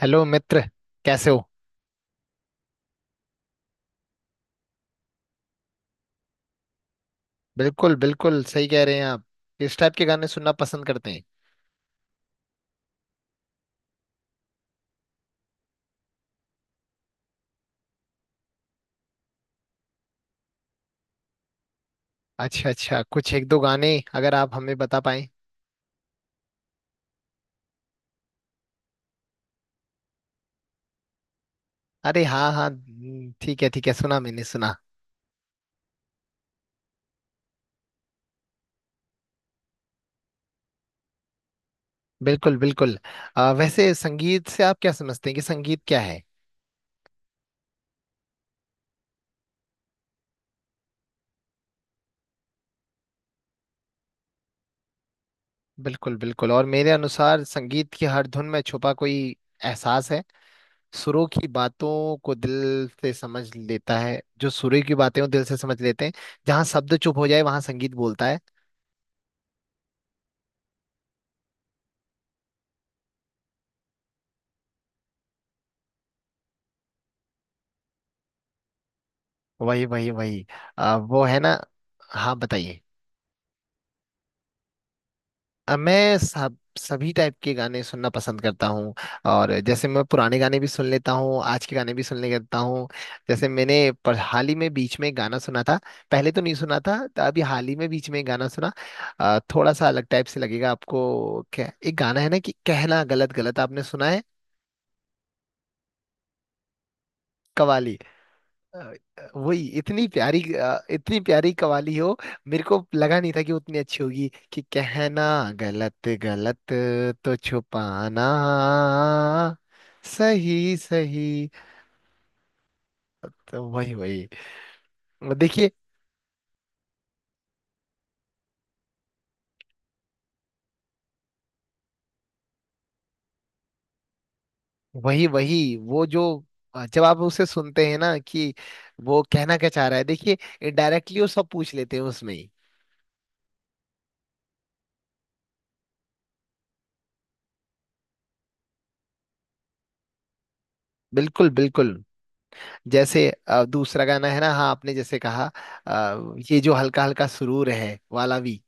Hello मित्र। कैसे हो। बिल्कुल बिल्कुल सही कह रहे हैं आप। किस टाइप के गाने सुनना पसंद करते हैं। अच्छा अच्छा, कुछ एक दो गाने अगर आप हमें बता पाएं। अरे हाँ हाँ, ठीक है ठीक है, सुना मैंने सुना। बिल्कुल बिल्कुल। वैसे संगीत से आप क्या समझते हैं कि संगीत क्या है। बिल्कुल बिल्कुल। और मेरे अनुसार संगीत की हर धुन में छुपा कोई एहसास है। सुरों की बातों को दिल से समझ लेता है। जो सुरों की बातें हो दिल से समझ लेते हैं। जहाँ शब्द चुप हो जाए वहाँ संगीत बोलता है। वही वही वही। वो है ना। हाँ, बताइए। मैं सब सभी टाइप के गाने सुनना पसंद करता हूँ। और जैसे मैं पुराने गाने भी सुन लेता हूँ, आज के गाने भी सुन लेता हूँ। जैसे मैंने, पर हाल ही में बीच में एक गाना सुना था। पहले तो नहीं सुना था, तो अभी हाल ही में बीच में एक गाना सुना। थोड़ा सा अलग टाइप से लगेगा आपको, क्या एक गाना है ना कि कहना गलत गलत, आपने सुना है। कवाली। अ, वही इतनी प्यारी, इतनी प्यारी कवाली हो। मेरे को लगा नहीं था कि उतनी अच्छी होगी कि कहना गलत गलत तो छुपाना। सही सही। तो वही वही, देखिए। वही वही। वो जो जब आप उसे सुनते हैं ना कि वो कहना क्या चाह रहा है, देखिए, इनडायरेक्टली वो सब पूछ लेते हैं उसमें ही। बिल्कुल बिल्कुल। जैसे दूसरा गाना है ना, हाँ, आपने जैसे कहा, ये जो हल्का हल्का सुरूर है वाला भी।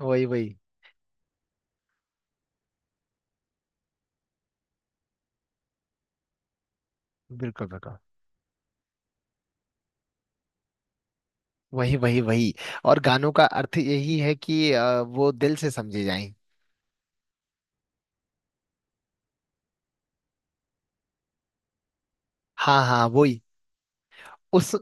वही वही। बिल्कुल बिल्कुल। वही वही वही। और गानों का अर्थ यही है कि वो दिल से समझे जाएं। हाँ हाँ, वही उस।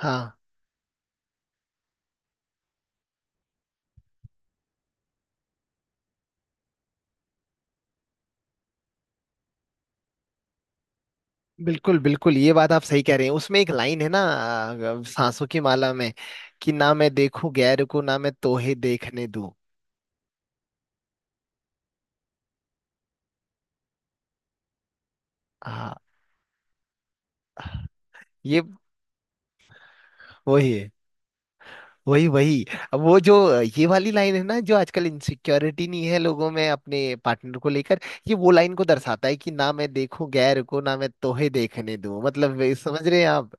हाँ, बिल्कुल बिल्कुल, ये बात आप सही कह रहे हैं। उसमें एक लाइन है ना, सांसों की माला में, कि ना मैं देखूं गैर को ना मैं तोहे देखने दूं। हाँ, ये वही है। वही वही। अब वो जो ये वाली लाइन है ना, जो आजकल इनसिक्योरिटी नहीं है लोगों में अपने पार्टनर को लेकर, ये वो लाइन को दर्शाता है कि ना मैं देखूं गैर को ना मैं तोहे देखने दूं, मतलब ये समझ रहे हैं आप।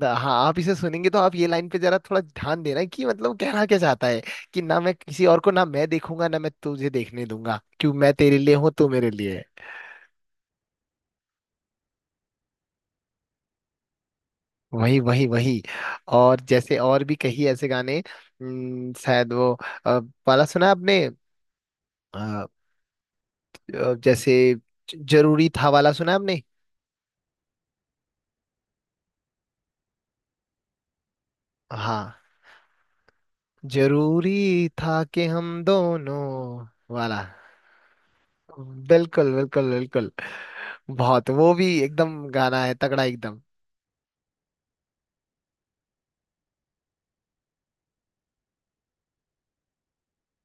हाँ, आप इसे सुनेंगे तो आप ये लाइन पे जरा थोड़ा ध्यान देना कि मतलब कहना क्या चाहता है, कि ना मैं किसी और को ना मैं देखूंगा ना मैं तुझे देखने दूंगा, क्यों मैं तेरे लिए हूं तू मेरे लिए है। वही वही वही। और जैसे और भी कई ऐसे गाने, शायद वो अ, वाला सुना है आपने, जैसे जरूरी था वाला सुना है आपने। हाँ, जरूरी था कि हम दोनों वाला। बिल्कुल बिल्कुल बिल्कुल। बहुत, वो भी एकदम गाना है तगड़ा एकदम।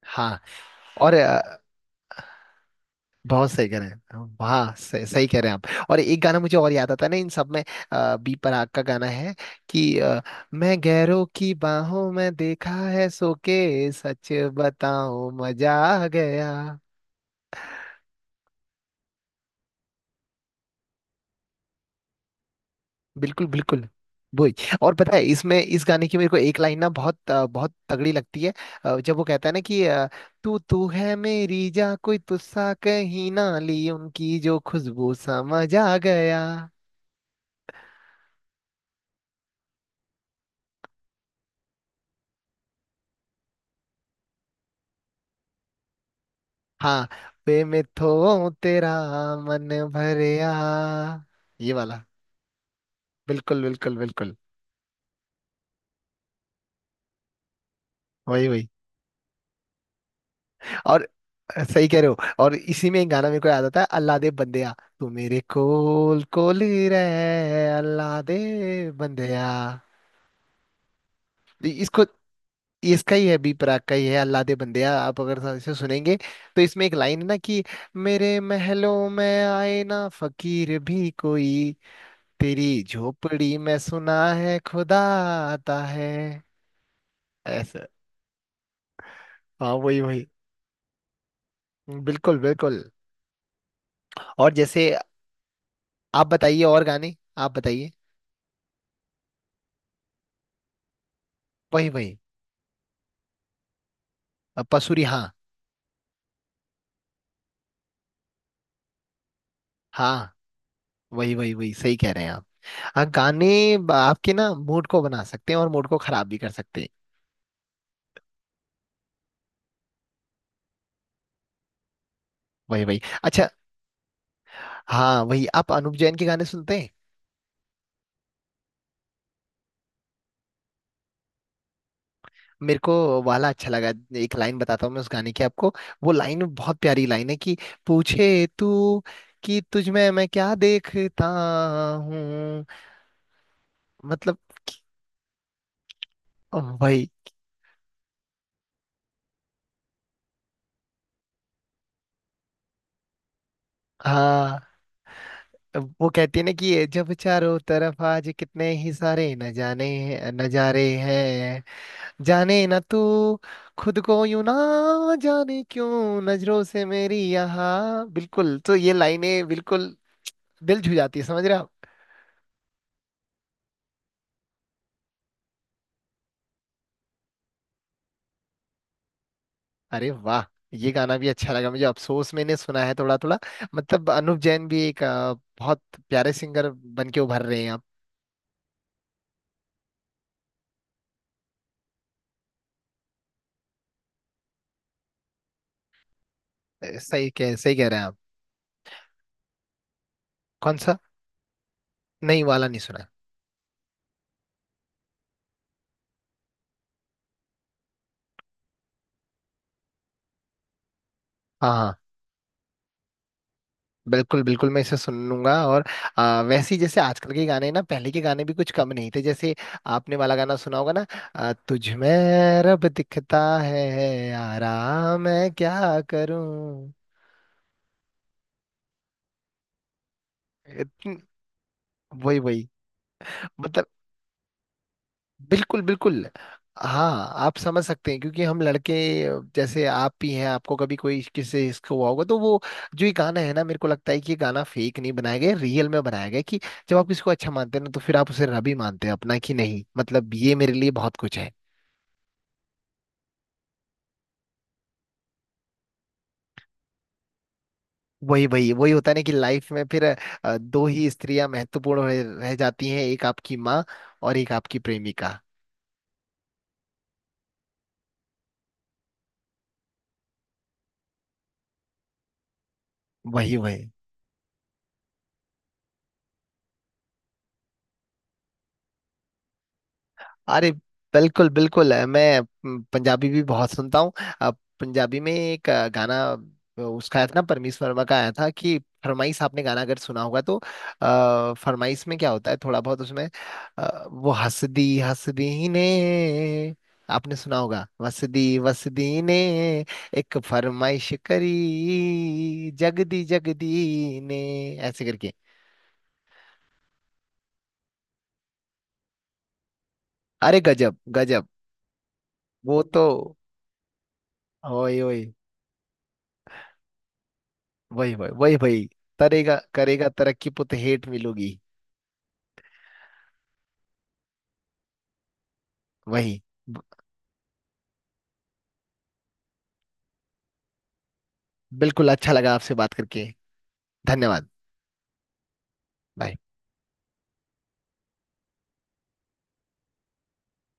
हाँ और, बहुत सही कह रहे हैं, हाँ सही, सही कह रहे हैं आप। और एक गाना मुझे और याद आता है ना इन सब में, बी प्राक का गाना है कि, मैं गैरों की बाहों में देखा है सो के, सच बताऊं, मजा आ गया। बिल्कुल बिल्कुल। वही। और पता है, इसमें इस गाने की मेरे को एक लाइन ना बहुत, बहुत तगड़ी लगती है। जब वो कहता है ना कि, तू तू है मेरी जा कोई तुस्सा कहीं ना ली उनकी जो खुशबू, समझ आ गया। हाँ, वे में थो तेरा मन भरया। ये वाला। बिल्कुल बिल्कुल बिल्कुल। वही वही। और सही कह रहे हो। और इसी में एक गाना मेरे को याद आता है, अल्लाह दे बंदेया, तू मेरे कोल कोल ही रहे अल्लाह दे बंदेया। ये- इसको ये इसका ही है, बी प्राक का ही है अल्लाह दे बंदेया। आप अगर इसे सुनेंगे तो इसमें एक लाइन है ना कि, मेरे महलों में आए ना फकीर भी कोई, तेरी झोपड़ी में सुना है खुदा आता है, ऐसा। हाँ, वही वही। बिल्कुल बिल्कुल। और जैसे, आप बताइए, और गाने आप बताइए। वही वही। पसूरी, हाँ। हाँ, वही वही वही, सही कह रहे हैं आप। हाँ, गाने आपके ना मूड को बना सकते हैं और मूड को खराब भी कर सकते हैं। वही वही, अच्छा। हाँ वही, आप अनुप जैन के गाने सुनते हैं। मेरे को वाला अच्छा लगा। एक लाइन बताता हूँ मैं उस गाने की आपको। वो लाइन बहुत प्यारी लाइन है कि, पूछे तू कि तुझ में मैं क्या देखता हूँ। मतलब वही। हाँ, वो कहती है ना कि, ये जब चारों तरफ आज कितने ही सारे न जाने नजारे हैं, जाने ना तू खुद को, यूं ना जाने क्यों नजरों से मेरी यहाँ, बिल्कुल तो ये लाइनें बिल्कुल दिल छू जाती है, समझ रहे हो आप। अरे वाह, ये गाना भी अच्छा लगा मुझे, अफसोस मैंने सुना है थोड़ा थोड़ा। मतलब अनूप जैन भी एक बहुत प्यारे सिंगर बन के उभर रहे हैं आप। सही कह रहे हैं आप। कौन सा? नहीं, वाला नहीं सुना। हाँ हाँ। बिल्कुल बिल्कुल, मैं इसे सुन लूंगा। और वैसे ही, जैसे आजकल के गाने ना पहले के गाने भी कुछ कम नहीं थे, जैसे आपने वाला गाना सुना होगा ना, तुझ में रब दिखता है यारा, मैं क्या करूं। इतन- वही वही, मतलब, बिल्कुल बिल्कुल। हाँ, आप समझ सकते हैं क्योंकि हम लड़के, जैसे आप भी हैं, आपको कभी कोई किससे इसका हुआ होगा तो वो जो ये गाना है ना, मेरे को लगता है कि ये गाना फेक नहीं बनाया गया, रियल में बनाया गया है, कि जब आप किसी को अच्छा मानते हैं ना तो फिर आप उसे रब ही मानते हैं अपना कि नहीं, मतलब ये मेरे लिए बहुत कुछ है। वही वही वही होता है ना कि लाइफ में फिर दो ही स्त्रियां महत्वपूर्ण रह रह जाती हैं, एक आपकी माँ और एक आपकी प्रेमिका। वही वही। अरे बिल्कुल बिल्कुल, मैं पंजाबी भी बहुत सुनता हूँ। अ, पंजाबी में एक गाना, उसका आया था ना, परमीश वर्मा का आया था कि फरमाइश, आपने गाना अगर सुना होगा तो, फरमाइश में क्या होता है थोड़ा बहुत उसमें, वो हसदी हसदी ने, आपने सुना होगा, वसदी वसदी ने, एक फरमाइश करी जगदी जगदी ने, ऐसे करके। अरे गजब गजब। वो तो ओए ओए, वही वही वही वही, तरेगा करेगा तरक्की पुत हेठ मिलोगी। वही। ब- बिल्कुल, अच्छा लगा आपसे बात करके। धन्यवाद। बाय।